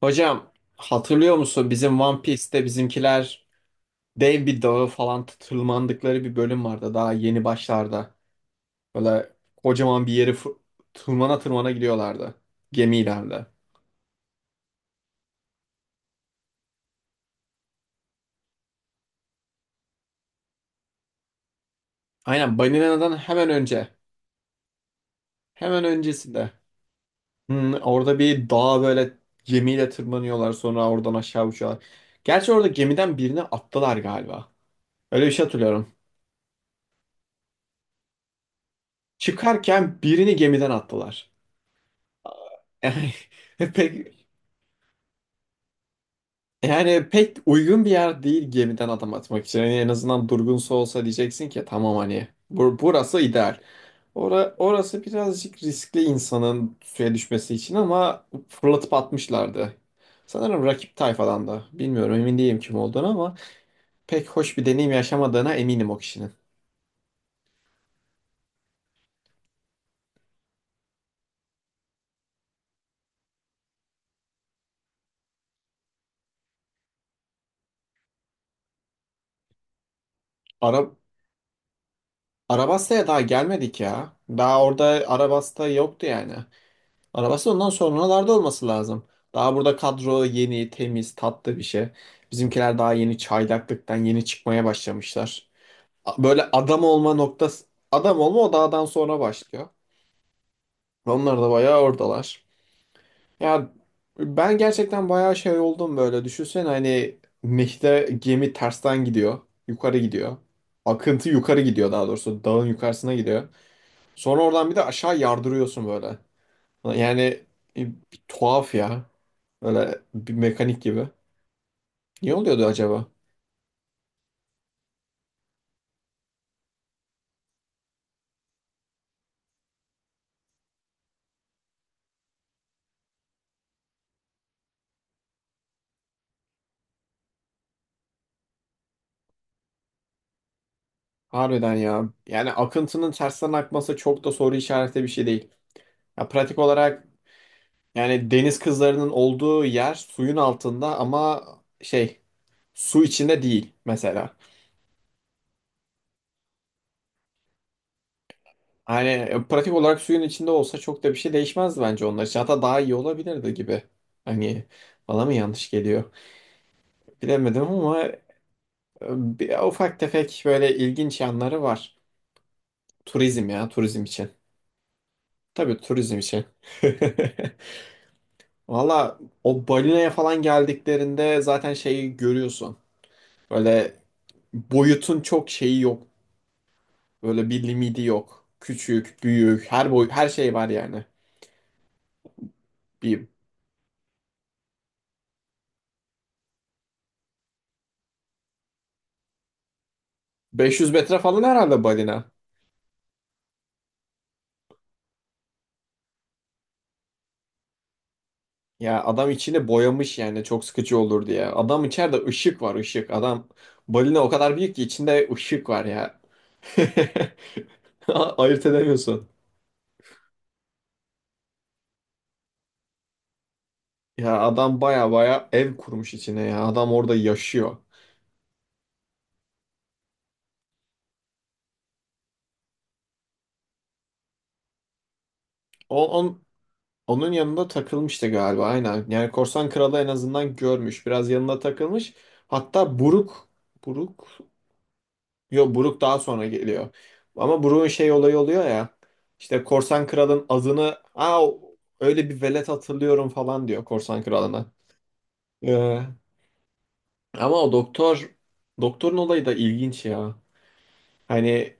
Hocam hatırlıyor musun bizim One Piece'te bizimkiler dev bir dağı falan tırmandıkları bir bölüm vardı daha yeni başlarda. Böyle kocaman bir yeri tırmana tırmana gidiyorlardı gemilerle. Aynen Banina'dan hemen önce. Hemen öncesinde. Hmm, orada bir dağa böyle gemiyle tırmanıyorlar, sonra oradan aşağı uçuyorlar. Gerçi orada gemiden birini attılar galiba. Öyle bir şey hatırlıyorum. Çıkarken birini gemiden attılar. Yani Pek Yani pek uygun bir yer değil gemiden adam atmak için. Yani en azından durgunsa olsa diyeceksin ki tamam, hani burası ideal. Orası birazcık riskli insanın suya düşmesi için, ama fırlatıp atmışlardı. Sanırım rakip tayfadan da. Bilmiyorum, emin değilim kim olduğunu, ama pek hoş bir deneyim yaşamadığına eminim o kişinin. Ara Arabas'ta'ya daha gelmedik ya. Daha orada Arabas'ta yoktu yani. Arabasta ondan sonralarda olması lazım. Daha burada kadro yeni, temiz, tatlı bir şey. Bizimkiler daha yeni çaylaklıktan yeni çıkmaya başlamışlar. Böyle adam olma noktası, adam olma o dağdan sonra başlıyor. Onlar da bayağı oradalar. Ya, ben gerçekten bayağı şey oldum böyle. Düşünsene, hani Meh'te gemi tersten gidiyor. Yukarı gidiyor. Akıntı yukarı gidiyor daha doğrusu. Dağın yukarısına gidiyor. Sonra oradan bir de aşağı yardırıyorsun böyle. Yani, e, bir tuhaf ya. Böyle bir mekanik gibi. Niye oluyordu acaba? Harbiden ya. Yani akıntının tersten akması çok da soru işareti bir şey değil. Ya pratik olarak yani deniz kızlarının olduğu yer suyun altında, ama şey, su içinde değil mesela. Hani, pratik olarak suyun içinde olsa çok da bir şey değişmezdi bence onlar için. Hatta daha iyi olabilirdi gibi. Hani bana mı yanlış geliyor? Bilemedim, ama bir, ufak tefek böyle ilginç yanları var. Turizm ya, turizm için. Tabii turizm için. Valla o balinaya falan geldiklerinde zaten şeyi görüyorsun. Böyle boyutun çok şeyi yok. Böyle bir limiti yok. Küçük, büyük, her boy her şey var yani. Bir 500 metre falan herhalde balina. Ya adam içini boyamış yani çok sıkıcı olur diye. Adam içeride ışık var ışık. Adam, balina o kadar büyük ki içinde ışık var ya. Ayırt edemiyorsun. Ya adam baya baya ev kurmuş içine ya. Adam orada yaşıyor. O, on, Onun yanında takılmıştı galiba, aynen. Yani Korsan Kralı en azından görmüş. Biraz yanında takılmış. Hatta Buruk. Buruk. Yok, Buruk daha sonra geliyor. Ama Buruk'un şey olayı oluyor ya. İşte Korsan Kral'ın adını, öyle bir velet hatırlıyorum falan diyor Korsan Kralı'na. Ee, Ama o doktor, doktorun olayı da ilginç ya. Hani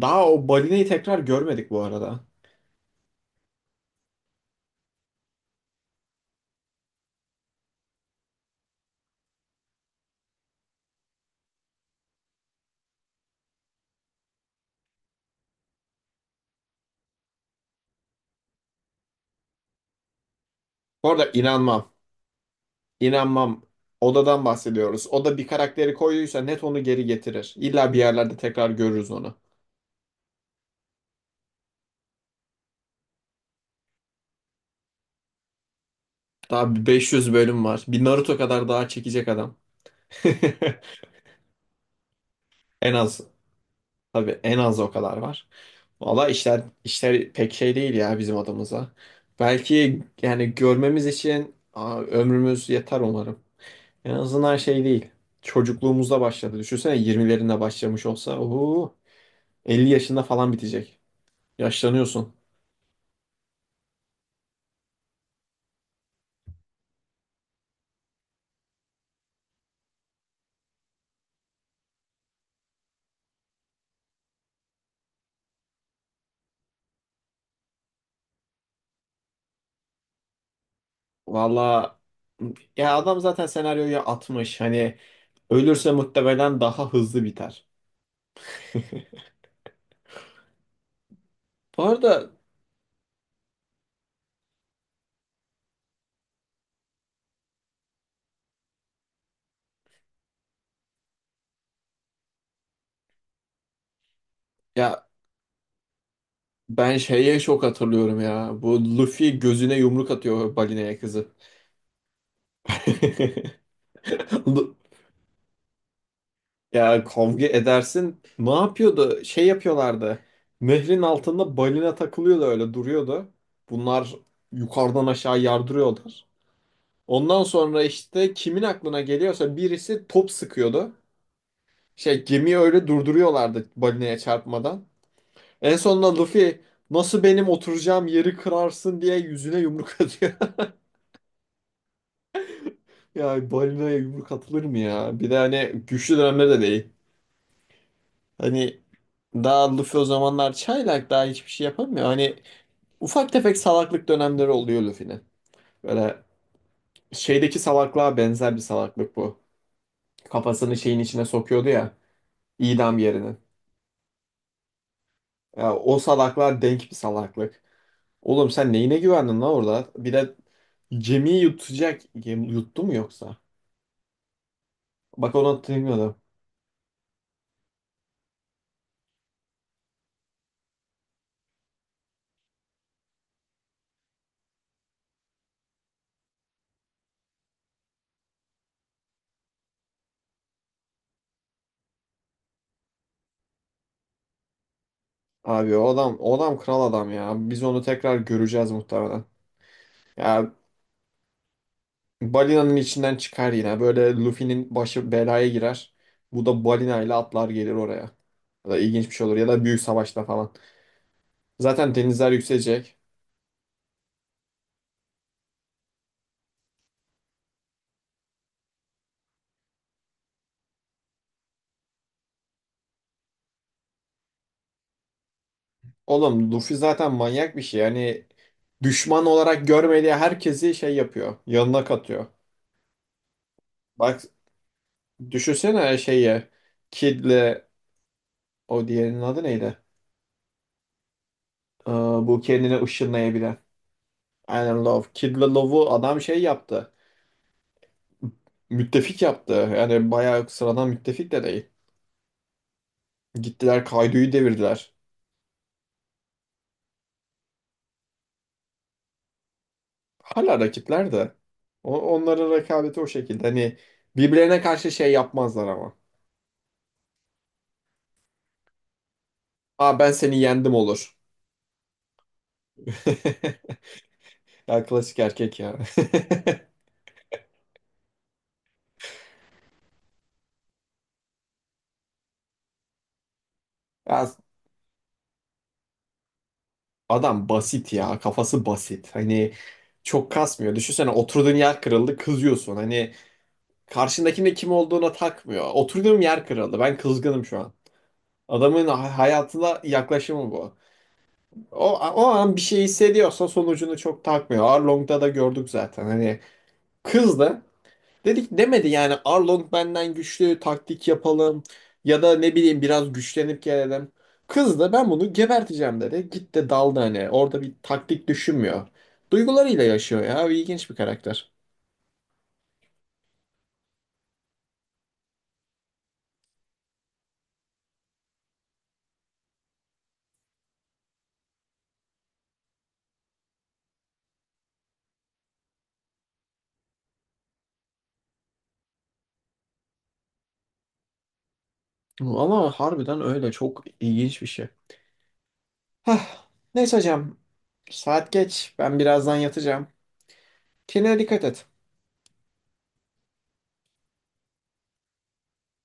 daha o balinayı tekrar görmedik bu arada. Bu arada inanmam. İnanmam. Odadan bahsediyoruz. O da bir karakteri koyduysa net onu geri getirir. İlla bir yerlerde tekrar görürüz onu. Daha bir 500 bölüm var. Bir Naruto kadar daha çekecek adam. En az. Tabii en az o kadar var. Valla işler pek şey değil ya bizim adımıza. Belki yani görmemiz için ömrümüz yeter umarım. En azından şey değil. Çocukluğumuzda başladı. Düşünsene 20'lerinde başlamış olsa oho, 50 yaşında falan bitecek. Yaşlanıyorsun. Valla, ya adam zaten senaryoyu atmış. Hani ölürse muhtemelen daha hızlı biter. Bu arada, ya ben şeye çok hatırlıyorum ya. Bu Luffy gözüne yumruk atıyor balineye kızı. Ya kavga edersin. Ne yapıyordu? Şey yapıyorlardı. Nehrin altında balina takılıyordu, öyle duruyordu. Bunlar yukarıdan aşağı yardırıyorlar. Ondan sonra işte kimin aklına geliyorsa birisi top sıkıyordu. Şey, gemiyi öyle durduruyorlardı balinaya çarpmadan. En sonunda Luffy, nasıl benim oturacağım yeri kırarsın diye yüzüne yumruk atıyor. Ya balinaya yumruk atılır mı ya? Bir de hani güçlü dönemde de değil. Hani daha Luffy o zamanlar çaylak, daha hiçbir şey yapamıyor. Hani ufak tefek salaklık dönemleri oluyor Luffy'nin. Böyle şeydeki salaklığa benzer bir salaklık bu. Kafasını şeyin içine sokuyordu ya, idam yerinin. Ya o salaklığa denk bir salaklık. Oğlum sen neyine güvendin lan orada? Bir de gemiyi yutacak. Yuttu mu yoksa? Bak onu hatırlamıyorum. Abi o adam, o adam kral adam ya. Biz onu tekrar göreceğiz muhtemelen. Ya, balinanın içinden çıkar yine. Böyle Luffy'nin başı belaya girer. Bu da balinayla atlar gelir oraya. Ya da ilginç bir şey olur. Ya da büyük savaşta falan. Zaten denizler yükselecek. Oğlum, Luffy zaten manyak bir şey. Yani düşman olarak görmediği herkesi şey yapıyor. Yanına katıyor. Bak düşünsene şeyi. Kid'le, o diğerinin adı neydi? Bu kendini ışınlayabilen. Aynen, Love. Kid'le Love'u adam şey yaptı. Müttefik yaptı. Yani bayağı sıradan müttefik de değil. Gittiler Kaido'yu devirdiler. Hala rakipler de. Onların rekabeti o şekilde. Hani birbirlerine karşı şey yapmazlar ama. Aa, ben seni yendim olur. Ya klasik erkek ya. Ya adam basit ya. Kafası basit. Hani çok kasmıyor. Düşünsene, oturduğun yer kırıldı, kızıyorsun. Hani karşındakinin de kim olduğuna takmıyor. Oturduğum yer kırıldı. Ben kızgınım şu an. Adamın hayatına yaklaşımı bu. O an bir şey hissediyorsa sonucunu çok takmıyor. Arlong'da da gördük zaten. Hani kız da dedik demedi yani, Arlong benden güçlü, taktik yapalım ya da ne bileyim biraz güçlenip gelelim. Kız da ben bunu geberteceğim dedi. Gitti daldı hani. Orada bir taktik düşünmüyor. Duygularıyla yaşıyor ya. İlginç bir karakter. Ama harbiden öyle çok ilginç bir şey. Hah. Neyse hocam. Saat geç. Ben birazdan yatacağım. Kendine dikkat et.